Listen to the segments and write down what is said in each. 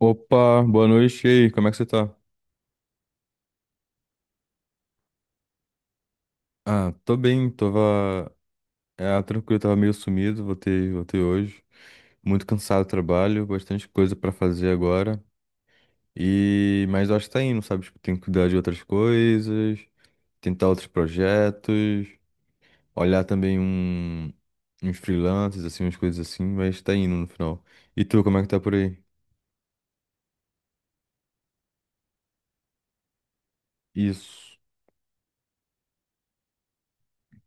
Opa, boa noite. E aí, como é que você tá? Ah, tô bem, tava. É, tranquilo, tava meio sumido, voltei hoje. Muito cansado do trabalho, bastante coisa pra fazer agora. E mas eu acho que tá indo, sabe? Tipo, tem que cuidar de outras coisas, tentar outros projetos, olhar também uns freelancers, assim, umas coisas assim, mas tá indo no final. E tu, como é que tá por aí? Isso.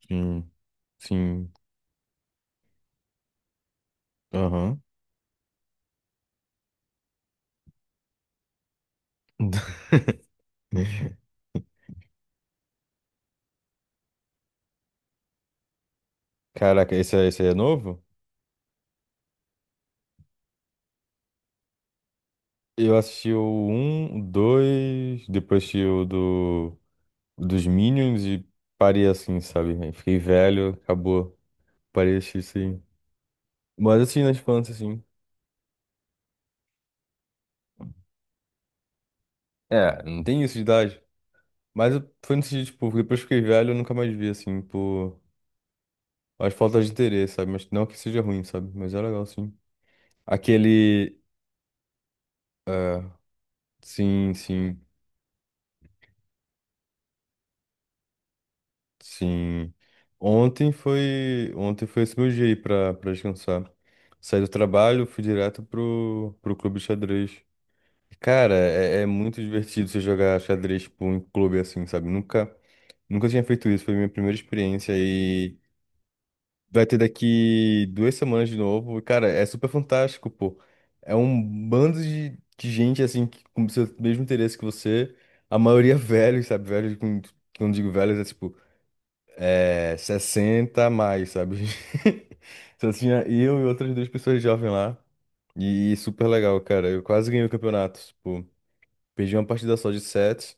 Sim, sim. Aham. Caraca, esse aí é novo? Eu assisti o um o 2, depois assisti dos Minions e parei assim, sabe? Aí fiquei velho, acabou. Parei de assistir isso aí. Mas assisti na infância, assim. É, não tem isso de idade. Foi no sentido, tipo, depois que fiquei velho, eu nunca mais vi, assim, por as faltas de interesse, sabe? Mas não que seja ruim, sabe? Mas é legal, sim. Aquele. Sim, sim. Sim. Ontem foi esse meu dia aí pra descansar. Saí do trabalho, fui direto pro clube de xadrez. E, cara, é muito divertido você jogar xadrez, tipo, em clube assim, sabe? Nunca tinha feito isso, foi minha primeira experiência e vai ter daqui 2 semanas de novo. E, cara, é super fantástico, pô. É um bando de gente, assim, que, com o seu mesmo interesse que você. A maioria velhos, sabe? Quando digo velhos, é tipo. É, 60 a mais, sabe? Só tinha eu e outras duas pessoas jovens lá. E super legal, cara. Eu quase ganhei o campeonato. Tipo, perdi uma partida só de sete.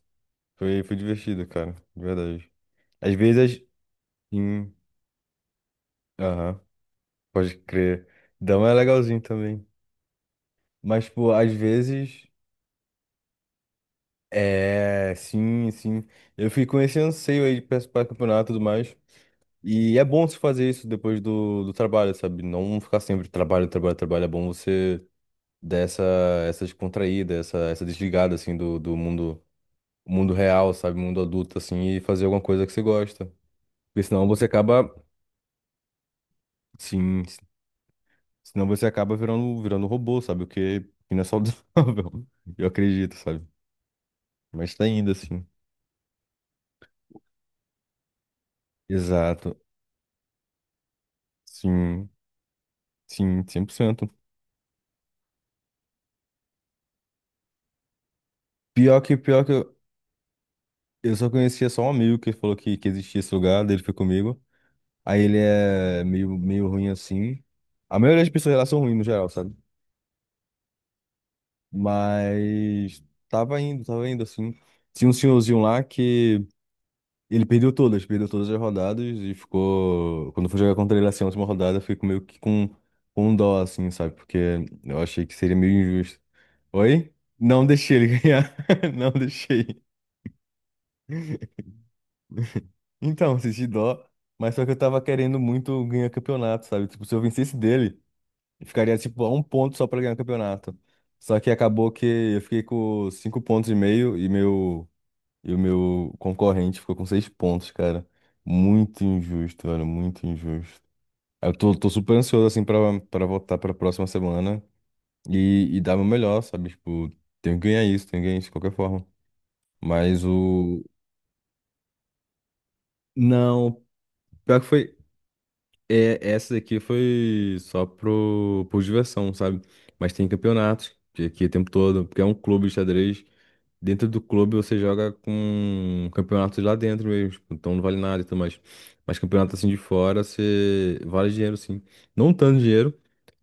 Foi, foi divertido, cara. De verdade. Às vezes. Sim, aham, pode crer. Dama é legalzinho também. Mas, tipo, às vezes. É, sim, sim. Eu fico com esse anseio aí de participar do campeonato e tudo mais. E é bom você fazer isso depois do trabalho, sabe? Não ficar sempre trabalho, trabalho, trabalho. É bom você dessa essa descontraída, essa desligada assim do mundo real, sabe, mundo adulto assim e fazer alguma coisa que você gosta. Porque senão você acaba, sim, senão você acaba virando robô, sabe, o que que não é saudável. Eu acredito, sabe? Mas tá ainda assim. Exato. Sim, sim, 100%. Pior que pior que eu, eu só conhecia só um amigo que falou que existia esse lugar, daí ele foi comigo. Aí ele é meio ruim assim. A maioria das pessoas lá são ruins no geral, sabe? Mas tava indo assim. Tinha um senhorzinho lá que ele perdeu todas as rodadas e ficou. Quando foi jogar contra ele assim, na última rodada, eu fiquei com um dó, assim, sabe? Porque eu achei que seria meio injusto. Oi? Não deixei ele ganhar. Não deixei. Então, senti dó, mas só que eu tava querendo muito ganhar campeonato, sabe? Tipo, se eu vencesse dele, eu ficaria tipo a um ponto só pra ganhar campeonato. Só que acabou que eu fiquei com cinco pontos e meio e meu. E o meu concorrente ficou com seis pontos, cara. Muito injusto, olha, muito injusto. Eu tô super ansioso, assim, pra voltar pra próxima semana e dar meu melhor, sabe? Tipo, tenho que ganhar isso, tenho que ganhar isso de qualquer forma. Mas o. Não, pior que foi. É, essa daqui foi só por diversão, sabe? Mas tem campeonatos que aqui o tempo todo, porque é um clube de xadrez. Dentro do clube você joga com campeonatos lá dentro mesmo, tipo, então não vale nada e tudo mais. Mas campeonato assim de fora, você vale dinheiro sim. Não tanto dinheiro,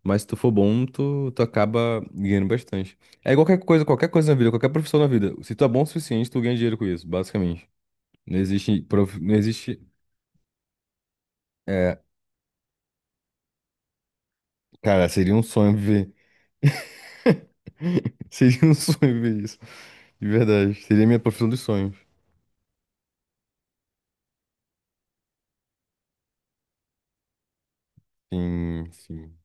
mas se tu for bom, tu acaba ganhando bastante. É igual qualquer coisa na vida, qualquer profissão na vida. Se tu é bom o suficiente, tu ganha dinheiro com isso, basicamente. Não existe, prof- não existe, É, cara, seria um sonho ver. Seria um sonho ver isso. De verdade, seria a minha profissão dos sonhos. Sim, sim.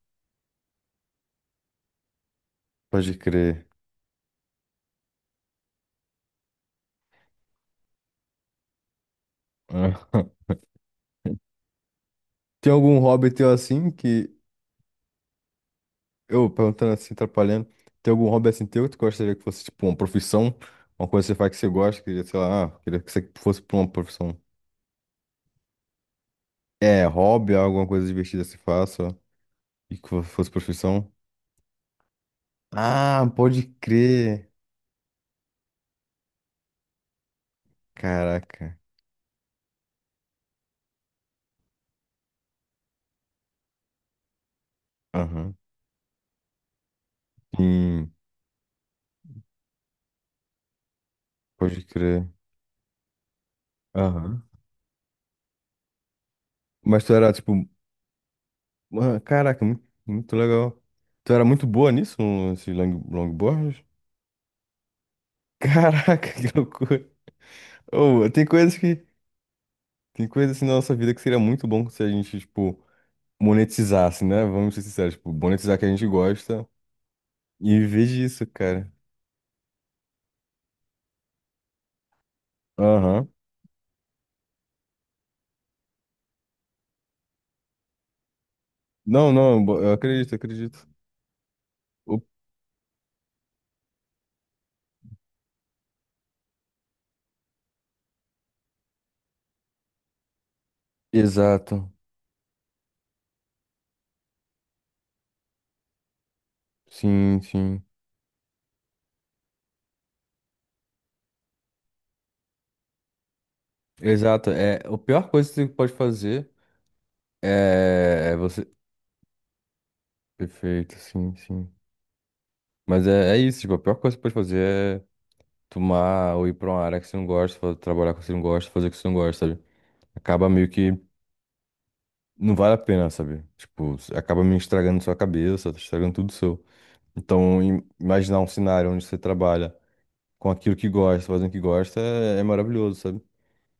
Pode crer. Tem algum hobby teu assim que. Eu perguntando assim, atrapalhando. Tem algum hobby assim teu que tu gostaria que fosse, tipo, uma profissão? Uma coisa que você faz que você gosta, que, sei lá, ah, queria que você fosse pra uma profissão. É, hobby, alguma coisa divertida que você faça e que fosse profissão? Ah, pode crer. Caraca. Aham. Sim, pode crer. Aham. Mas tu era, tipo, ah, caraca, muito, muito legal. Tu era muito boa nisso, longboard? Caraca, que loucura. Oh, tem coisas que. Tem coisa assim na nossa vida que seria muito bom se a gente, tipo, monetizasse, né? Vamos ser sinceros, tipo, monetizar que a gente gosta e viver disso, cara. Aham. Não, não, eu acredito, eu acredito. O- Exato. Sim, sim. Exato. É, a pior coisa que você pode fazer é você. Perfeito, sim, sim. Mas é, é isso, tipo, a pior coisa que você pode fazer é tomar ou ir pra uma área que você não gosta, trabalhar com o que você não gosta, fazer o que você não gosta, sabe? Acaba meio que não vale a pena, sabe? Tipo, acaba me estragando sua cabeça, tá estragando tudo seu. Então, imaginar um cenário onde você trabalha com aquilo que gosta, fazendo o que gosta, é maravilhoso, sabe?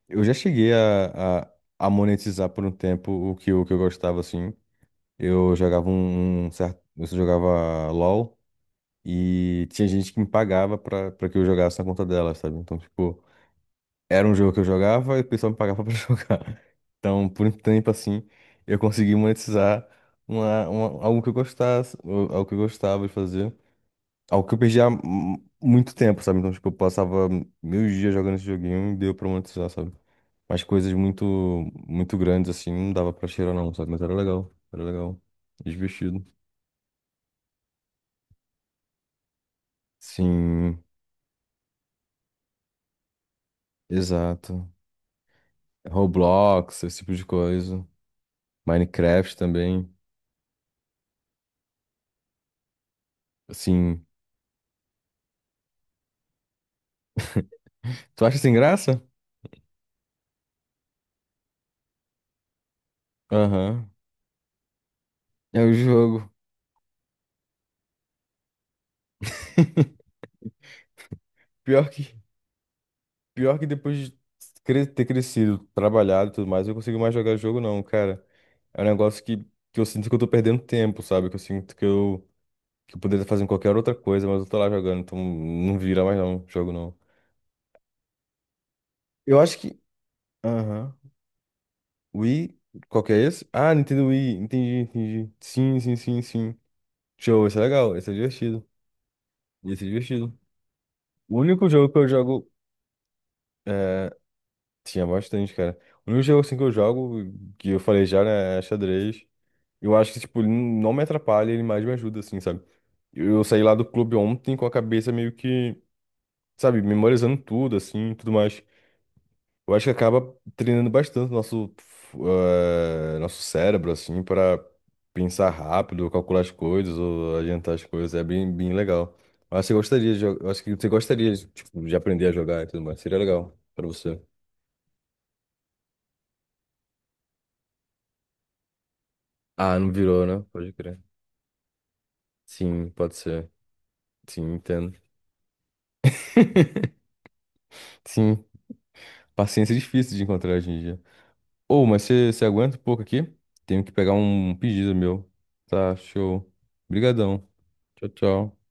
Eu já cheguei a monetizar por um tempo o que, o que eu gostava, assim. Eu jogava um, um certo. Eu jogava LOL e tinha gente que me pagava pra que eu jogasse na conta dela, sabe? Então, tipo, era um jogo que eu jogava e o pessoal me pagava pra jogar. Então, por um tempo assim, eu consegui monetizar algo que eu gostasse, ou algo que eu gostava de fazer, algo que eu perdi há muito tempo, sabe? Então, tipo, eu passava mil dias jogando esse joguinho e deu pra monetizar, sabe? Mas coisas muito, muito grandes assim, não dava pra cheirar não, sabe? Mas era legal, divertido. Sim, exato. Roblox, esse tipo de coisa. Minecraft também. Assim, tu acha sem graça? Aham. É o jogo. Pior que Pior que depois de ter crescido, trabalhado e tudo mais, eu não consigo mais jogar jogo, não, cara. É um negócio que eu sinto que eu tô perdendo tempo, sabe? Que eu sinto que eu poderia fazer qualquer outra coisa, mas eu tô lá jogando, então não vira mais não, jogo não. Eu acho que. Aham. Wii, qual que é esse? Ah, Nintendo Wii, entendi, entendi. Sim, sim, sim, sim. Show, esse é legal, esse é divertido. Esse é divertido. O único jogo que eu jogo. É... Tinha bastante, cara. O único jogo assim que eu jogo, que eu falei já, né, é xadrez. Eu acho que, tipo, ele não me atrapalha, ele mais me ajuda, assim, sabe? Eu saí lá do clube ontem com a cabeça meio que, sabe, memorizando tudo, assim, e tudo mais. Eu acho que acaba treinando bastante o nosso, nosso cérebro, assim, para pensar rápido, calcular as coisas ou adiantar as coisas. É bem, bem legal. Eu acho que você gostaria de, jo- eu acho que você gostaria, tipo, de aprender a jogar e tudo mais. Seria legal para você. Ah, não virou, né? Pode crer. Sim, pode ser. Sim, entendo. Sim, paciência é difícil de encontrar hoje em dia. Ô, mas você aguenta um pouco aqui? Tenho que pegar um pedido meu. Tá, show. Obrigadão. Tchau, tchau.